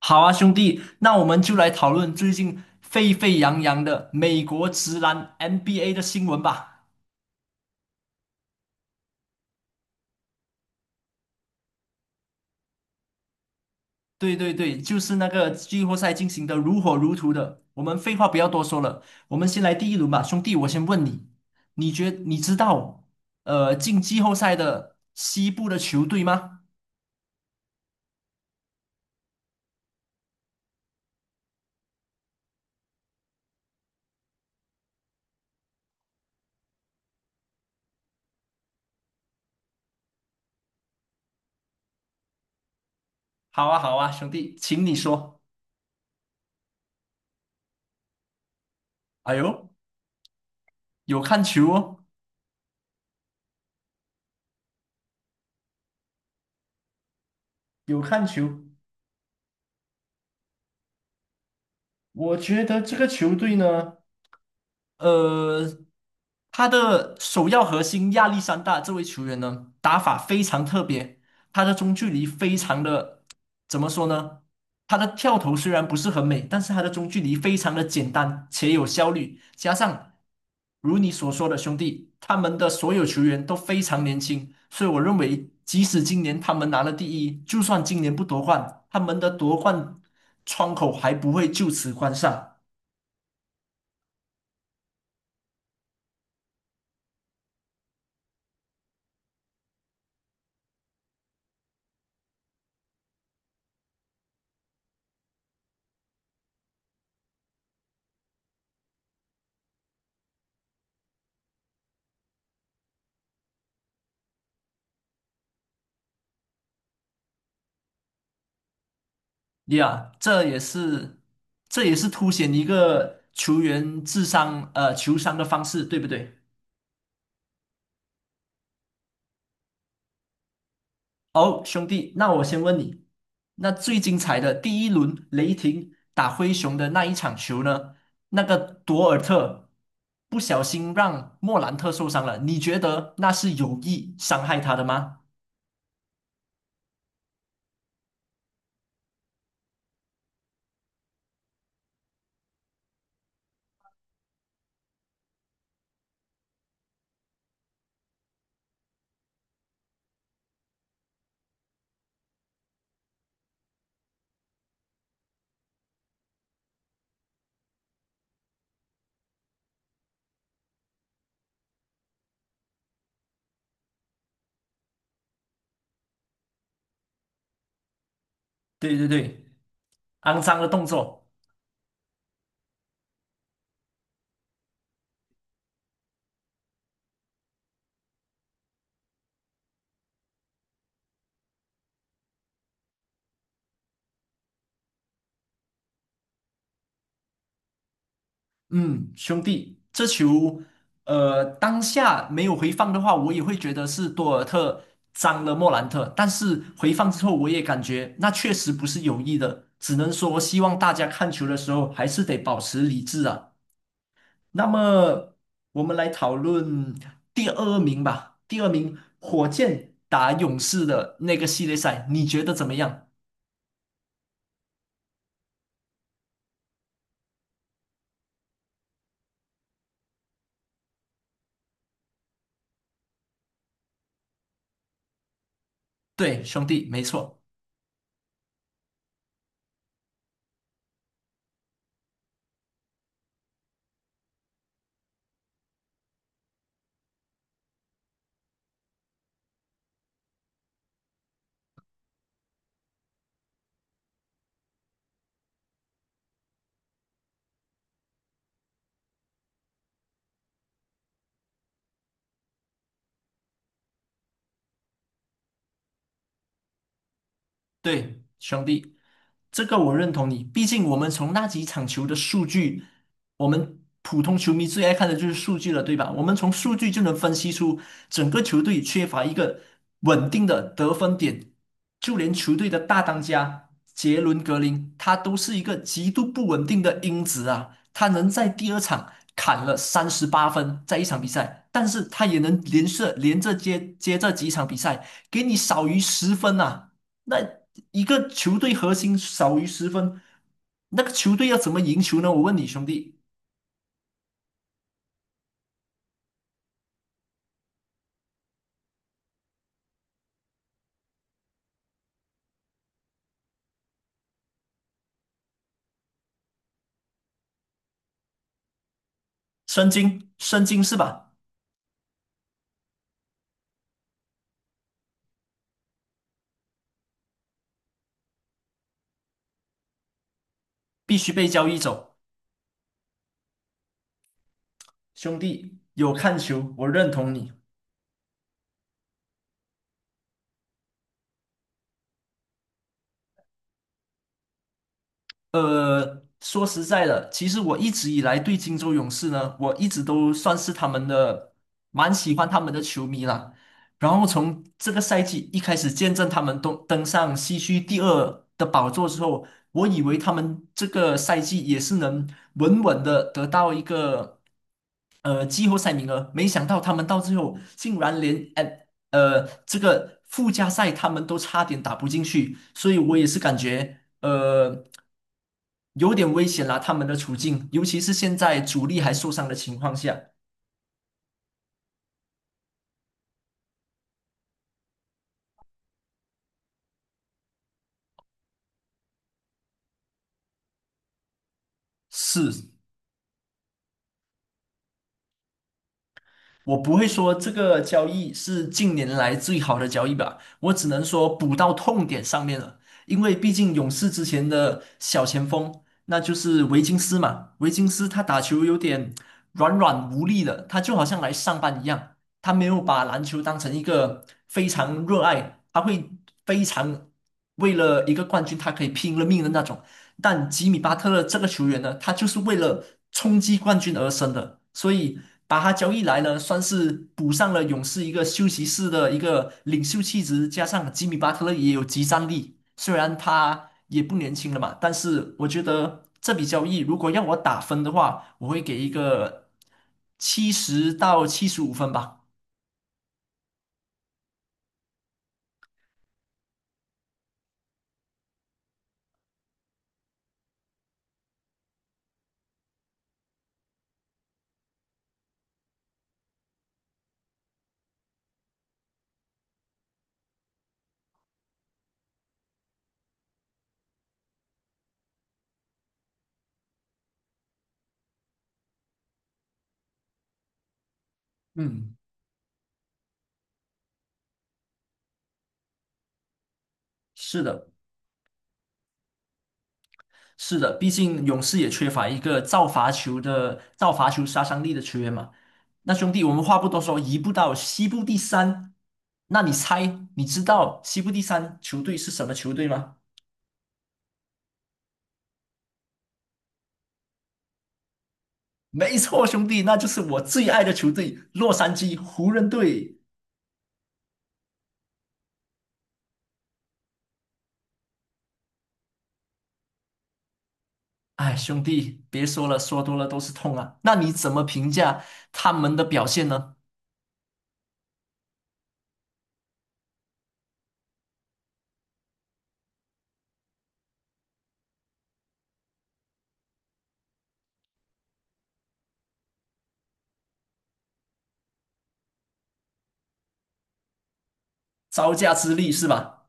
好啊，兄弟，那我们就来讨论最近沸沸扬扬的美国职篮 NBA 的新闻吧。对对对，就是那个季后赛进行的如火如荼的。我们废话不要多说了，我们先来第一轮吧，兄弟，我先问你，你知道进季后赛的西部的球队吗？好啊，好啊，兄弟，请你说。哎呦，有看球哦，有看球。我觉得这个球队呢。呃，他的首要核心亚历山大这位球员呢，打法非常特别，他的中距离非常的，怎么说呢？他的跳投虽然不是很美，但是他的中距离非常的简单且有效率，加上如你所说的兄弟，他们的所有球员都非常年轻，所以我认为，即使今年他们拿了第一，就算今年不夺冠，他们的夺冠窗口还不会就此关上。呀，这也是凸显一个球员智商球商的方式，对不对？哦，兄弟，那我先问你，那最精彩的第一轮雷霆打灰熊的那一场球呢？那个多尔特不小心让莫兰特受伤了，你觉得那是有意伤害他的吗？对对对，肮脏的动作。嗯，兄弟，这球，当下没有回放的话，我也会觉得是多尔特脏了莫兰特。但是回放之后，我也感觉那确实不是有意的，只能说希望大家看球的时候还是得保持理智啊。那么我们来讨论第二名吧，第二名火箭打勇士的那个系列赛，你觉得怎么样？对，兄弟，没错。对，兄弟，这个我认同你。毕竟我们从那几场球的数据，我们普通球迷最爱看的就是数据了，对吧？我们从数据就能分析出整个球队缺乏一个稳定的得分点，就连球队的大当家杰伦格林，他都是一个极度不稳定的因子啊。他能在第二场砍了38分，在一场比赛，但是他也能连着接这几场比赛，给你少于十分呐、那一个球队核心少于十分，那个球队要怎么赢球呢？我问你兄弟，申京，申京是吧？必须被交易走，兄弟有看球，我认同你。说实在的，其实我一直以来对金州勇士呢，我一直都算是他们的蛮喜欢他们的球迷啦。然后从这个赛季一开始见证他们登上西区第二的宝座之后，我以为他们这个赛季也是能稳稳的得到一个季后赛名额，没想到他们到最后竟然连这个附加赛他们都差点打不进去，所以我也是感觉。有点危险啦，他们的处境，尤其是现在主力还受伤的情况下，是。我不会说这个交易是近年来最好的交易吧，我只能说补到痛点上面了，因为毕竟勇士之前的小前锋，那就是维金斯嘛，维金斯他打球有点软软无力的，他就好像来上班一样，他没有把篮球当成一个非常热爱，他会非常为了一个冠军，他可以拼了命的那种。但吉米巴特勒这个球员呢，他就是为了冲击冠军而生的，所以把他交易来呢，算是补上了勇士一个休息室的一个领袖气质，加上吉米巴特勒也有集战力，虽然他也不年轻了嘛，但是我觉得这笔交易如果让我打分的话，我会给一个70到75分吧。嗯，是的，是的，毕竟勇士也缺乏一个造罚球的造罚球杀伤力的球员嘛。那兄弟，我们话不多说，移步到西部第三。那你猜，你知道西部第三球队是什么球队吗？没错，兄弟，那就是我最爱的球队——洛杉矶湖人队。哎，兄弟，别说了，说多了都是痛啊。那你怎么评价他们的表现呢？招架之力是吧？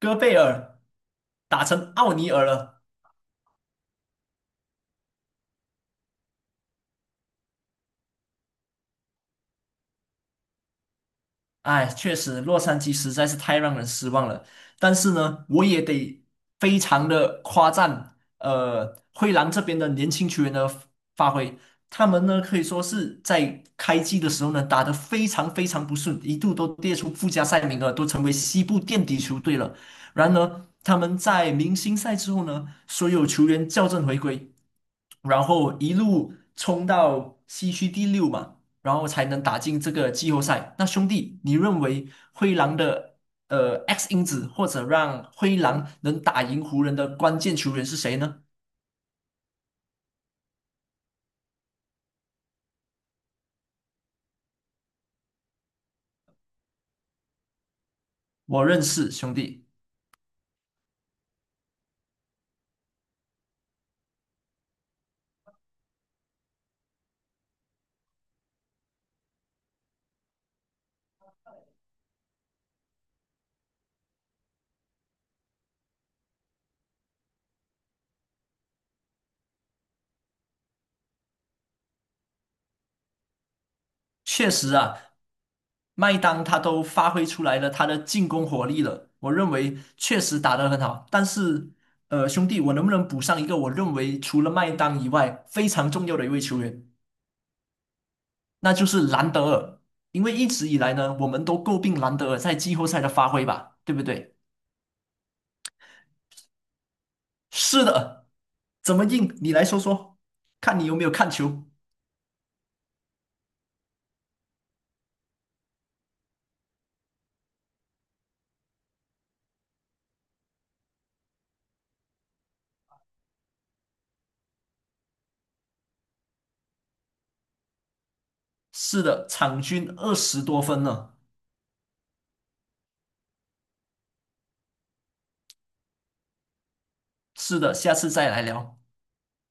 戈贝尔打成奥尼尔了。哎，确实，洛杉矶实在是太让人失望了。但是呢，我也得非常的夸赞，灰狼这边的年轻球员的发挥，他们呢可以说是在开季的时候呢打得非常非常不顺，一度都跌出附加赛名额，都成为西部垫底球队了。然而，他们在明星赛之后呢，所有球员校正回归，然后一路冲到西区第六嘛。然后才能打进这个季后赛。那兄弟，你认为灰狼的X 因子或者让灰狼能打赢湖人的关键球员是谁呢？我认识兄弟，确实啊，麦当他都发挥出来了他的进攻火力了，我认为确实打得很好。但是兄弟，我能不能补上一个我认为除了麦当以外非常重要的一位球员，那就是兰德尔。因为一直以来呢，我们都诟病兰德尔在季后赛的发挥吧，对不对？是的，怎么硬？你来说说，看你有没有看球。是的，场均20多分呢。是的，下次再来聊。